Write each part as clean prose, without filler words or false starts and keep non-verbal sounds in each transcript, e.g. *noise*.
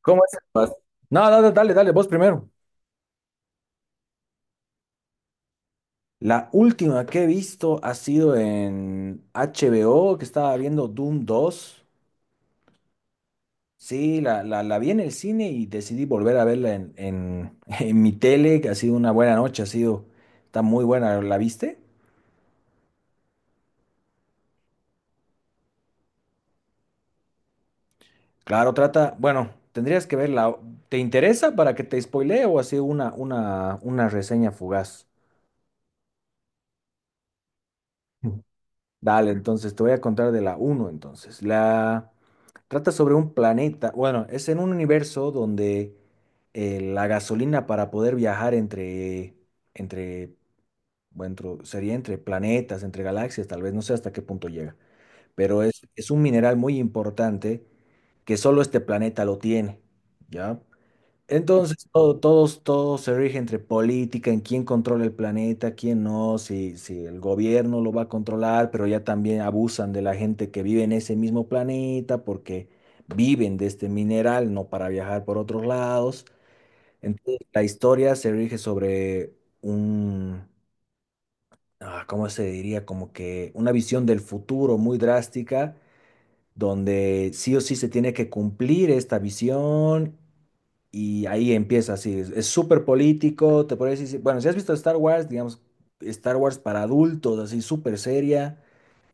¿Cómo es? Vas. No, no, no, dale, dale, vos primero. La última que he visto ha sido en HBO, que estaba viendo Doom dos. Sí, la vi en el cine y decidí volver a verla *laughs* en mi tele, que ha sido una buena noche, ha sido, está muy buena, ¿la viste? Claro, trata, bueno, tendrías que verla. ¿Te interesa para que te spoilee o así una reseña fugaz? Dale, entonces te voy a contar de la uno entonces. La trata sobre un planeta, bueno, es en un universo donde la gasolina para poder viajar entre, bueno, sería entre planetas, entre galaxias, tal vez, no sé hasta qué punto llega, pero es un mineral muy importante que solo este planeta lo tiene, ¿ya? Entonces, todo se rige entre política, en quién controla el planeta, quién no, si el gobierno lo va a controlar, pero ya también abusan de la gente que vive en ese mismo planeta porque viven de este mineral, no para viajar por otros lados. Entonces, la historia se rige sobre un, ¿cómo se diría? Como que una visión del futuro muy drástica, donde sí o sí se tiene que cumplir esta visión y ahí empieza así, es súper político, te podría decir, bueno, si has visto Star Wars, digamos, Star Wars para adultos, así súper seria,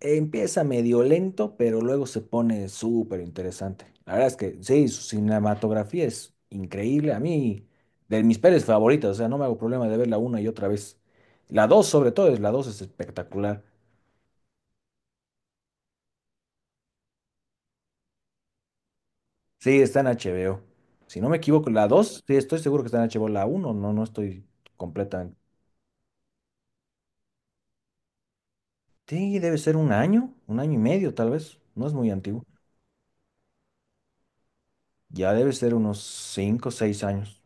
empieza medio lento, pero luego se pone súper interesante. La verdad es que sí, su cinematografía es increíble, a mí, de mis pelis favoritas, o sea, no me hago problema de verla una y otra vez. La 2 sobre todo, es la 2 es espectacular. Sí, está en HBO. Si no me equivoco, la 2 sí, estoy seguro que está en HBO, la uno no, no estoy completamente. Sí, debe ser un año y medio tal vez, no es muy antiguo. Ya debe ser unos 5, o 6 años.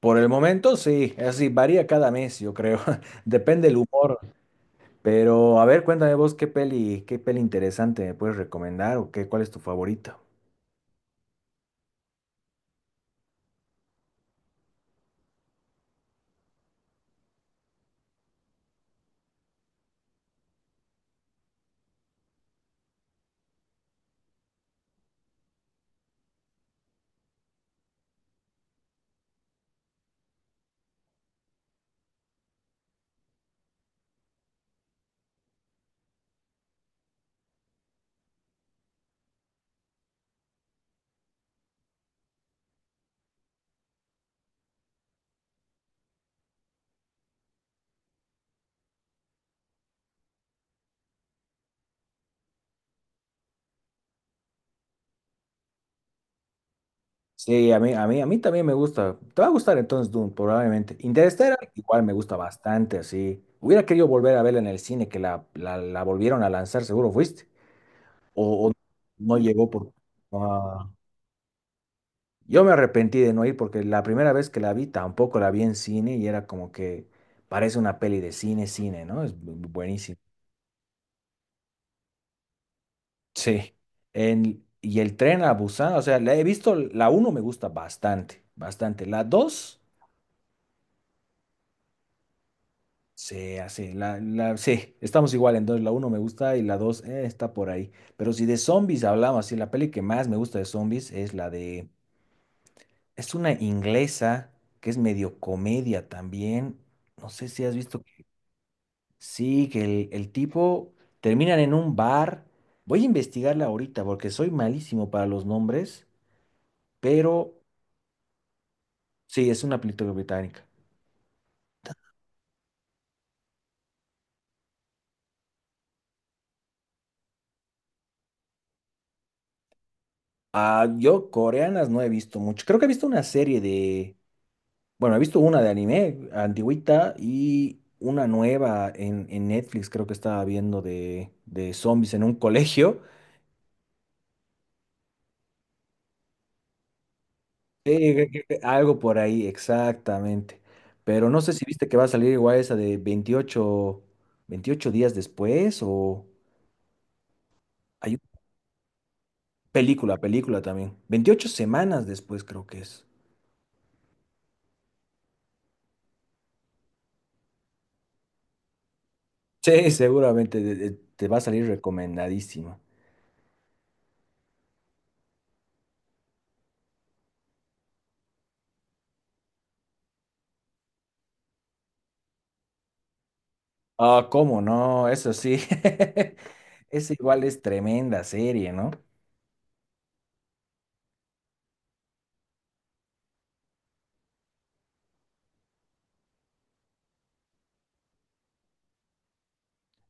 Por el momento sí, así varía cada mes, yo creo. *laughs* Depende el humor. Pero a ver, cuéntame vos qué peli interesante me puedes recomendar o qué, cuál es tu favorita. Sí, a mí también me gusta. Te va a gustar entonces Dune, probablemente. Interstellar igual me gusta bastante, así. Hubiera querido volver a verla en el cine, que la volvieron a lanzar, seguro fuiste. O no llegó por... Ah, yo me arrepentí de no ir porque la primera vez que la vi tampoco la vi en cine y era como que parece una peli de cine, cine, ¿no? Es bu- buenísimo. Sí. Y el tren a Busan, o sea, la he visto, la uno me gusta bastante, bastante. La 2 sí, así, sí, estamos igual, entonces la uno me gusta y la 2 está por ahí. Pero si de zombies hablamos, sí, la peli que más me gusta de zombies es es una inglesa que es medio comedia también. No sé si has visto. Sí, que el tipo terminan en un bar. Voy a investigarla ahorita porque soy malísimo para los nombres, pero sí, es una película británica. Ah, yo coreanas no he visto mucho. Creo que he visto bueno, he visto una de anime antigüita y una nueva en Netflix, creo que estaba viendo de zombies en un colegio. Sí, que algo por ahí, exactamente. Pero no sé si viste que va a salir igual esa de veintiocho días después o hay una película, película también. 28 semanas después creo que es. Sí, seguramente te va a salir recomendadísima. Ah, ¿cómo no? Eso sí. *laughs* Esa igual es tremenda serie, ¿no?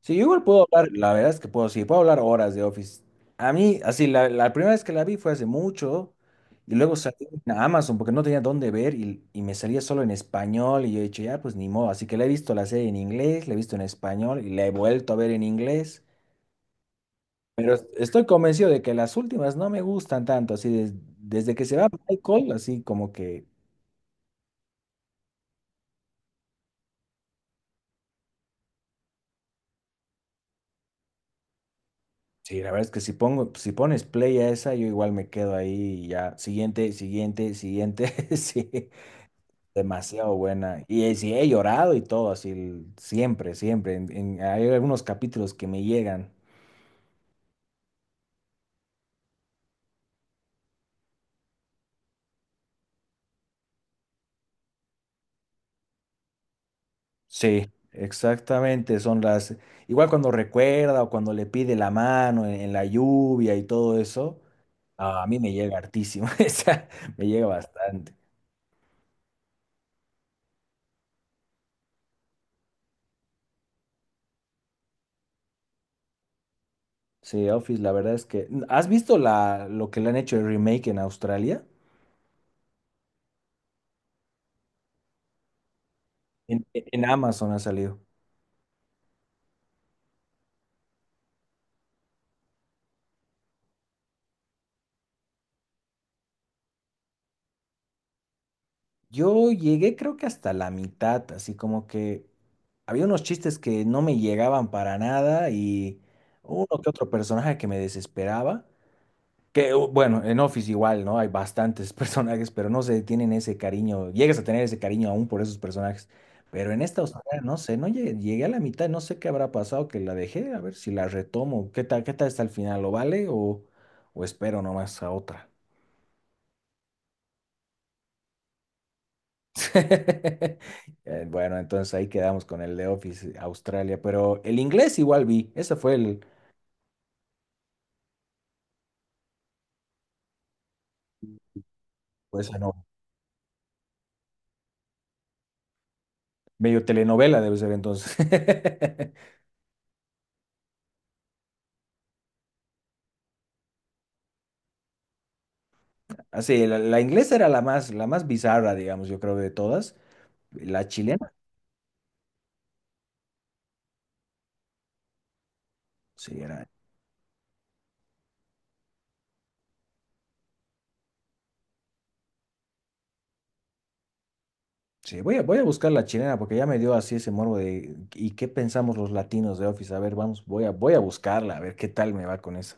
Sí, yo igual puedo hablar, la verdad es que puedo, sí, puedo hablar horas de Office. A mí, así, la primera vez que la vi fue hace mucho y luego salí en Amazon porque no tenía dónde ver y me salía solo en español y yo he dicho, ya, pues ni modo. Así que la he visto la serie en inglés, la he visto en español y la he vuelto a ver en inglés. Pero estoy convencido de que las últimas no me gustan tanto, así, desde que se va Michael, así como que, sí, la verdad es que si pongo, si pones play a esa, yo igual me quedo ahí y ya, siguiente, siguiente, siguiente. *laughs* Sí. Demasiado buena. Y sí, he llorado y todo, así, siempre, siempre. Hay algunos capítulos que me llegan. Sí, exactamente. Son las. Igual cuando recuerda o cuando le pide la mano en la lluvia y todo eso, ah, a mí me llega hartísimo. *laughs* O sea, me llega bastante. Sí, Office, la verdad es que. ¿Has visto lo que le han hecho el remake en Australia? En Amazon ha salido. Yo llegué creo que hasta la mitad, así como que había unos chistes que no me llegaban para nada y uno que otro personaje que me desesperaba. Que bueno, en Office igual, ¿no? Hay bastantes *laughs* personajes, pero no se tienen ese cariño, llegas a tener ese cariño aún por esos personajes. Pero en esta Australia, no sé, no llegué, llegué a la mitad, no sé qué habrá pasado que la dejé, a ver si la retomo. Qué tal está el final? ¿Lo vale o espero nomás a otra? *laughs* Bueno, entonces ahí quedamos con el de Office Australia, pero el inglés igual vi, esa fue el, pues no, medio telenovela debe ser entonces. *laughs* Así, la inglesa era la más bizarra, digamos, yo creo de todas. La chilena, sí, era. Sí, voy a buscar la chilena porque ya me dio así ese morbo de, ¿y qué pensamos los latinos de Office? A ver, vamos, voy a buscarla, a ver qué tal me va con esa.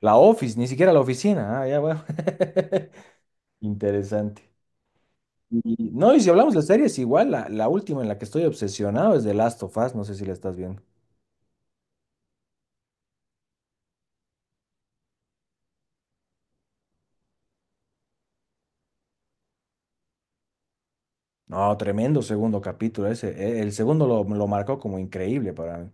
La Office, ni siquiera la oficina, ah, ya bueno. *laughs* Interesante. Y, no, y si hablamos de series, igual la última en la que estoy obsesionado es The Last of Us, no sé si la estás viendo. No, tremendo segundo capítulo ese. El segundo lo marcó como increíble para mí.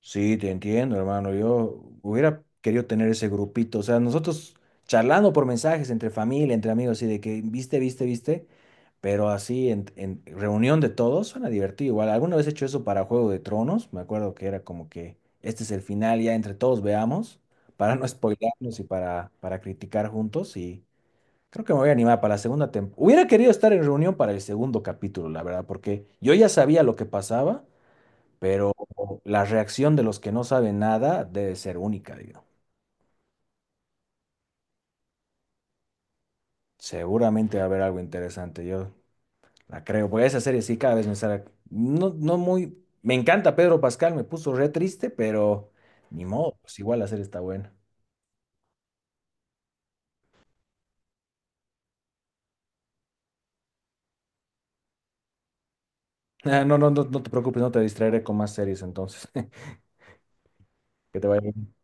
Sí, te entiendo, hermano. Yo hubiera querido tener ese grupito. O sea, nosotros charlando por mensajes entre familia, entre amigos, así de que viste, viste, viste. Pero así, en reunión de todos, suena divertido. Igual, alguna vez he hecho eso para Juego de Tronos. Me acuerdo que era como que este es el final, ya entre todos veamos, para no *laughs* spoilearnos y para criticar juntos. Y creo que me voy a animar para la segunda temporada. Hubiera querido estar en reunión para el segundo capítulo, la verdad, porque yo ya sabía lo que pasaba, pero la reacción de los que no saben nada debe ser única, digo. Seguramente va a haber algo interesante. Yo, la creo, porque esa serie sí cada vez me sale. No, no muy. Me encanta Pedro Pascal, me puso re triste, pero ni modo, pues igual la serie está buena. *laughs* Ah, no, no, no, no te preocupes, no te distraeré con más series entonces. *laughs* Que te vaya bien.